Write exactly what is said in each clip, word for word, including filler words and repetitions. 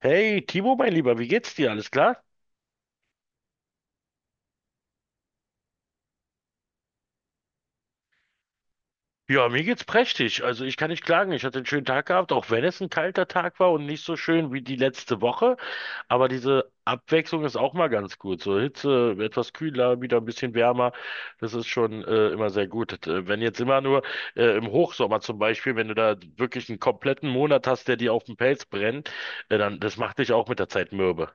Hey, Timo, mein Lieber, wie geht's dir? Alles klar? Ja, mir geht's prächtig. Also ich kann nicht klagen. Ich hatte einen schönen Tag gehabt, auch wenn es ein kalter Tag war und nicht so schön wie die letzte Woche. Aber diese Abwechslung ist auch mal ganz gut. So Hitze, etwas kühler, wieder ein bisschen wärmer. Das ist schon äh, immer sehr gut. Das, äh, Wenn jetzt immer nur äh, im Hochsommer zum Beispiel, wenn du da wirklich einen kompletten Monat hast, der dir auf den Pelz brennt, äh, dann das macht dich auch mit der Zeit mürbe.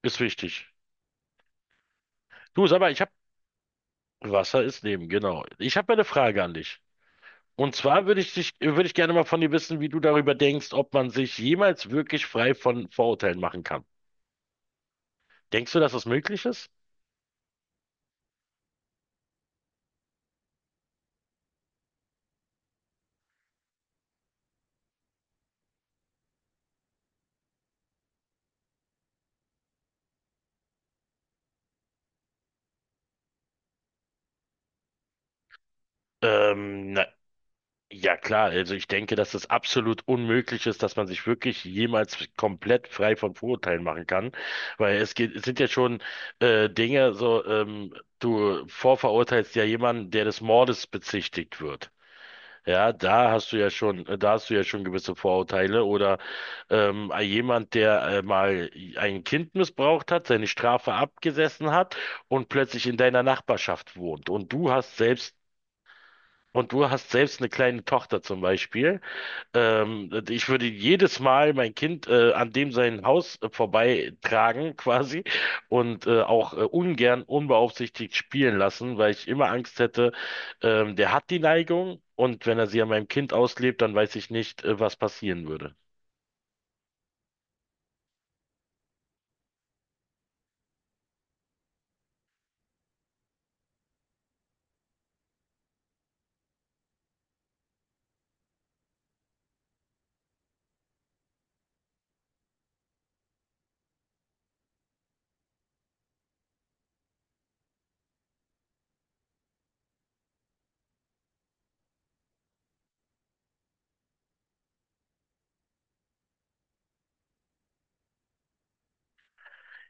Ist wichtig. Du, sag mal, ich hab Wasser ist Leben, genau. Ich habe eine Frage an dich. Und zwar würde ich dich, würde ich gerne mal von dir wissen, wie du darüber denkst, ob man sich jemals wirklich frei von Vorurteilen machen kann. Denkst du, dass das möglich ist? Ähm, na, ja klar, also ich denke, dass das absolut unmöglich ist, dass man sich wirklich jemals komplett frei von Vorurteilen machen kann, weil es geht, es sind ja schon äh, Dinge, so ähm, du vorverurteilst ja jemanden, der des Mordes bezichtigt wird. Ja, da hast du ja schon, da hast du ja schon gewisse Vorurteile. Oder ähm, äh, jemand, der äh, mal ein Kind missbraucht hat, seine Strafe abgesessen hat und plötzlich in deiner Nachbarschaft wohnt. Und du hast selbst Und du hast selbst eine kleine Tochter zum Beispiel. Ähm, ich würde jedes Mal mein Kind äh, an dem sein Haus äh, vorbeitragen quasi und äh, auch äh, ungern unbeaufsichtigt spielen lassen, weil ich immer Angst hätte, ähm, der hat die Neigung. Und wenn er sie an meinem Kind auslebt, dann weiß ich nicht, äh, was passieren würde.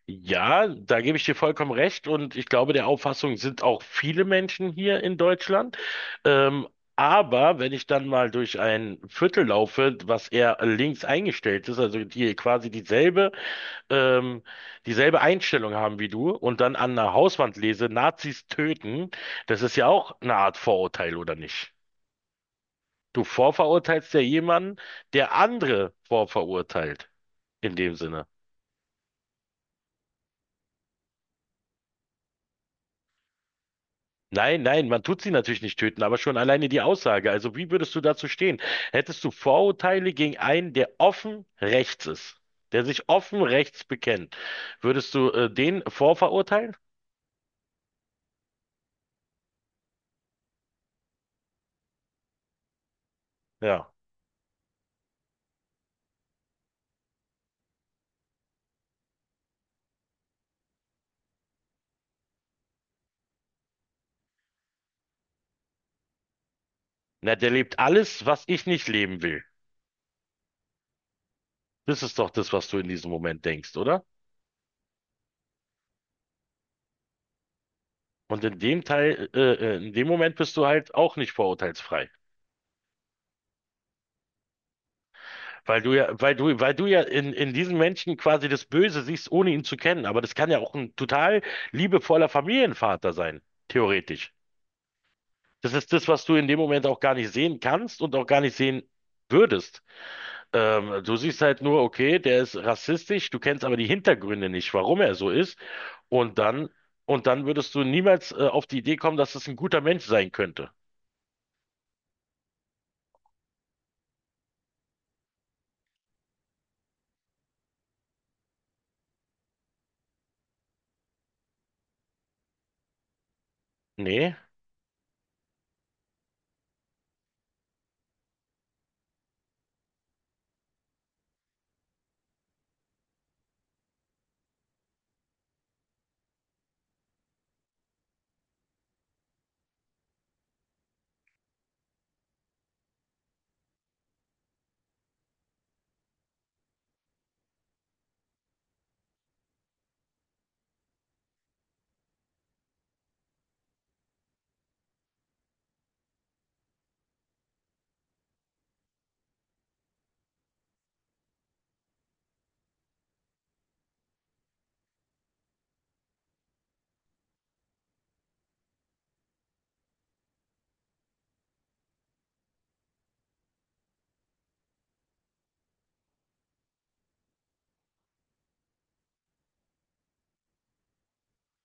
Ja, da gebe ich dir vollkommen recht, und ich glaube, der Auffassung sind auch viele Menschen hier in Deutschland. Ähm, aber wenn ich dann mal durch ein Viertel laufe, was eher links eingestellt ist, also die quasi dieselbe, ähm, dieselbe Einstellung haben wie du, und dann an der Hauswand lese, Nazis töten, das ist ja auch eine Art Vorurteil, oder nicht? Du vorverurteilst ja jemanden, der andere vorverurteilt, in dem Sinne. Nein, nein, man tut sie natürlich nicht töten, aber schon alleine die Aussage. Also wie würdest du dazu stehen? Hättest du Vorurteile gegen einen, der offen rechts ist, der sich offen rechts bekennt, würdest du äh, den vorverurteilen? Ja. Na, der lebt alles, was ich nicht leben will. Das ist doch das, was du in diesem Moment denkst, oder? Und in dem Teil, äh, äh, in dem Moment bist du halt auch nicht vorurteilsfrei. Weil du ja, weil du, weil du ja in, in diesen Menschen quasi das Böse siehst, ohne ihn zu kennen. Aber das kann ja auch ein total liebevoller Familienvater sein, theoretisch. Das ist das, was du in dem Moment auch gar nicht sehen kannst und auch gar nicht sehen würdest. Ähm, du siehst halt nur, okay, der ist rassistisch, du kennst aber die Hintergründe nicht, warum er so ist. Und dann, und dann würdest du niemals, äh, auf die Idee kommen, dass es ein guter Mensch sein könnte. Nee,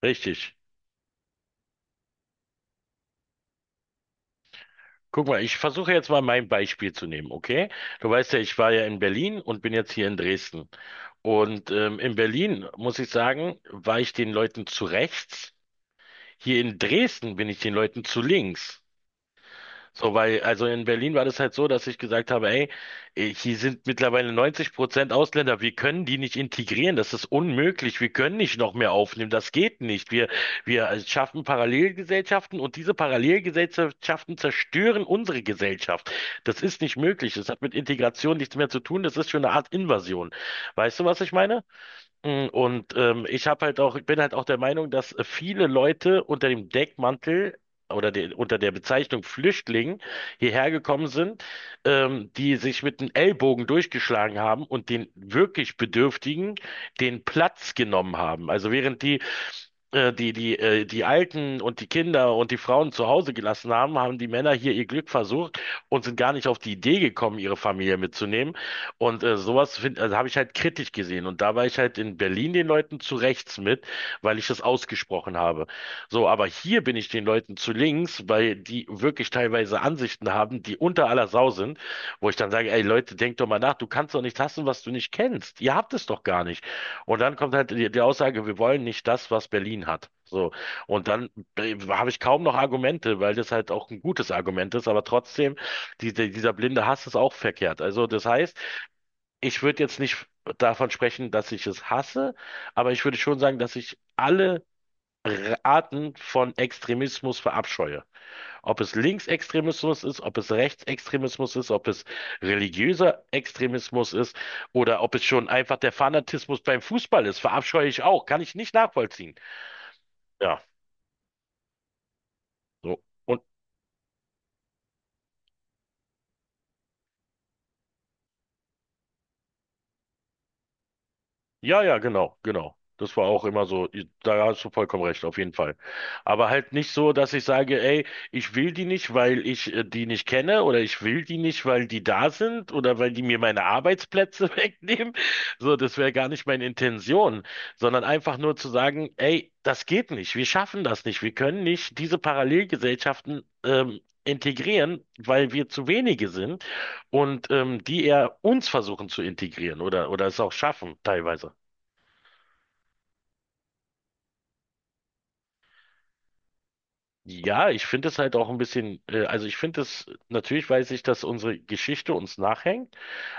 richtig. Guck mal, ich versuche jetzt mal mein Beispiel zu nehmen, okay? Du weißt ja, ich war ja in Berlin und bin jetzt hier in Dresden. Und ähm, in Berlin, muss ich sagen, war ich den Leuten zu rechts. Hier in Dresden bin ich den Leuten zu links. So, weil, also in Berlin war das halt so, dass ich gesagt habe, ey, eh, hier sind mittlerweile neunzig Prozent Ausländer, wir können die nicht integrieren, das ist unmöglich, wir können nicht noch mehr aufnehmen, das geht nicht. Wir, wir äh, schaffen Parallelgesellschaften, und diese Parallelgesellschaften zerstören unsere Gesellschaft. Das ist nicht möglich, das hat mit Integration nichts mehr zu tun, das ist schon eine Art Invasion. Weißt du, was ich meine? Mm, Und ähm, ich habe halt auch, ich bin halt auch der Meinung, dass viele Leute unter dem Deckmantel oder der, unter der Bezeichnung Flüchtling hierher gekommen sind, ähm, die sich mit dem Ellbogen durchgeschlagen haben und den wirklich Bedürftigen den Platz genommen haben. Also während die äh, die, die, äh, die Alten und die Kinder und die Frauen zu Hause gelassen haben, haben die Männer hier ihr Glück versucht und sind gar nicht auf die Idee gekommen, ihre Familie mitzunehmen. Und äh, sowas find- also habe ich halt kritisch gesehen. Und da war ich halt in Berlin den Leuten zu rechts mit, weil ich das ausgesprochen habe. So, aber hier bin ich den Leuten zu links, weil die wirklich teilweise Ansichten haben, die unter aller Sau sind, wo ich dann sage, ey Leute, denkt doch mal nach, du kannst doch nicht hassen, was du nicht kennst. Ihr habt es doch gar nicht. Und dann kommt halt die, die Aussage, wir wollen nicht das, was Berlin hat. So. Und dann äh, habe ich kaum noch Argumente, weil das halt auch ein gutes Argument ist, aber trotzdem, diese, dieser blinde Hass ist auch verkehrt. Also das heißt, ich würde jetzt nicht davon sprechen, dass ich es hasse, aber ich würde schon sagen, dass ich alle R- Arten von Extremismus verabscheue. Ob es Linksextremismus ist, ob es Rechtsextremismus ist, ob es religiöser Extremismus ist, oder ob es schon einfach der Fanatismus beim Fußball ist, verabscheue ich auch, kann ich nicht nachvollziehen. Ja, so. Und ja, ja, genau, genau. Das war auch immer so, da hast du vollkommen recht, auf jeden Fall. Aber halt nicht so, dass ich sage, ey, ich will die nicht, weil ich äh, die nicht kenne, oder ich will die nicht, weil die da sind oder weil die mir meine Arbeitsplätze wegnehmen. So, das wäre gar nicht meine Intention, sondern einfach nur zu sagen, ey, das geht nicht, wir schaffen das nicht, wir können nicht diese Parallelgesellschaften ähm, integrieren, weil wir zu wenige sind und ähm, die eher uns versuchen zu integrieren oder, oder es auch schaffen, teilweise. Ja, ich finde es halt auch ein bisschen, äh, also ich finde es, natürlich weiß ich, dass unsere Geschichte uns nachhängt,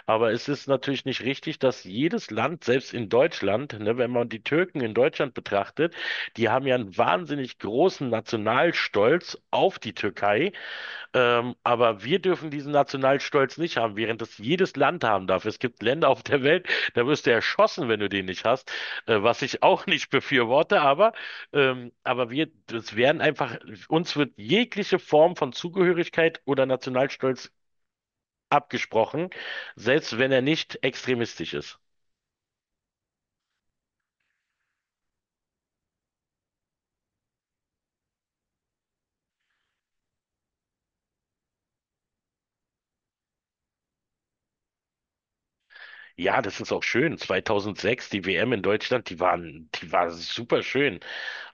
aber es ist natürlich nicht richtig, dass jedes Land, selbst in Deutschland, ne, wenn man die Türken in Deutschland betrachtet, die haben ja einen wahnsinnig großen Nationalstolz auf die Türkei, ähm, aber wir dürfen diesen Nationalstolz nicht haben, während das jedes Land haben darf. Es gibt Länder auf der Welt, da wirst du erschossen, wenn du den nicht hast, äh, was ich auch nicht befürworte, aber, ähm, aber wir, das werden einfach, uns wird jegliche Form von Zugehörigkeit oder Nationalstolz abgesprochen, selbst wenn er nicht extremistisch ist. Ja, das ist auch schön. zweitausendsechs, die W M in Deutschland, die waren, die war super schön.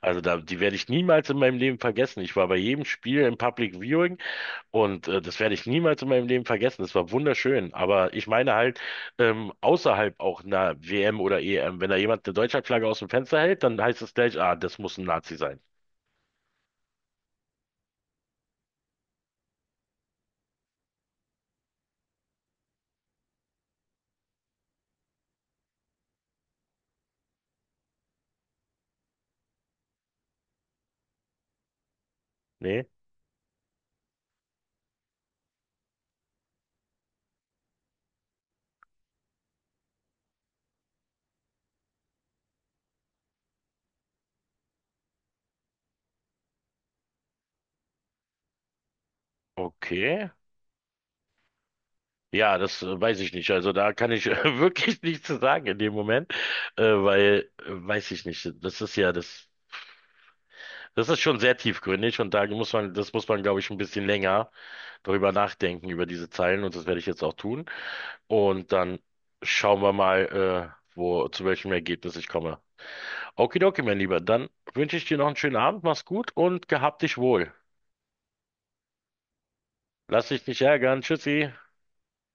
Also da, die werde ich niemals in meinem Leben vergessen. Ich war bei jedem Spiel im Public Viewing. Und äh, das werde ich niemals in meinem Leben vergessen. Das war wunderschön. Aber ich meine halt, ähm, außerhalb auch einer W M oder E M, wenn da jemand eine Deutschlandflagge aus dem Fenster hält, dann heißt es gleich, ah, das muss ein Nazi sein. Nee? Okay. Ja, das äh, weiß ich nicht. Also da kann ich äh, wirklich nichts zu sagen in dem Moment, äh, weil, äh, weiß ich nicht, das ist ja das, das ist schon sehr tiefgründig, und da muss man, das muss man, glaube ich, ein bisschen länger darüber nachdenken, über diese Zeilen, und das werde ich jetzt auch tun. Und dann schauen wir mal, äh, wo, zu welchem Ergebnis ich komme. Okidoki, mein Lieber, dann wünsche ich dir noch einen schönen Abend, mach's gut und gehabt dich wohl. Lass dich nicht ärgern, tschüssi.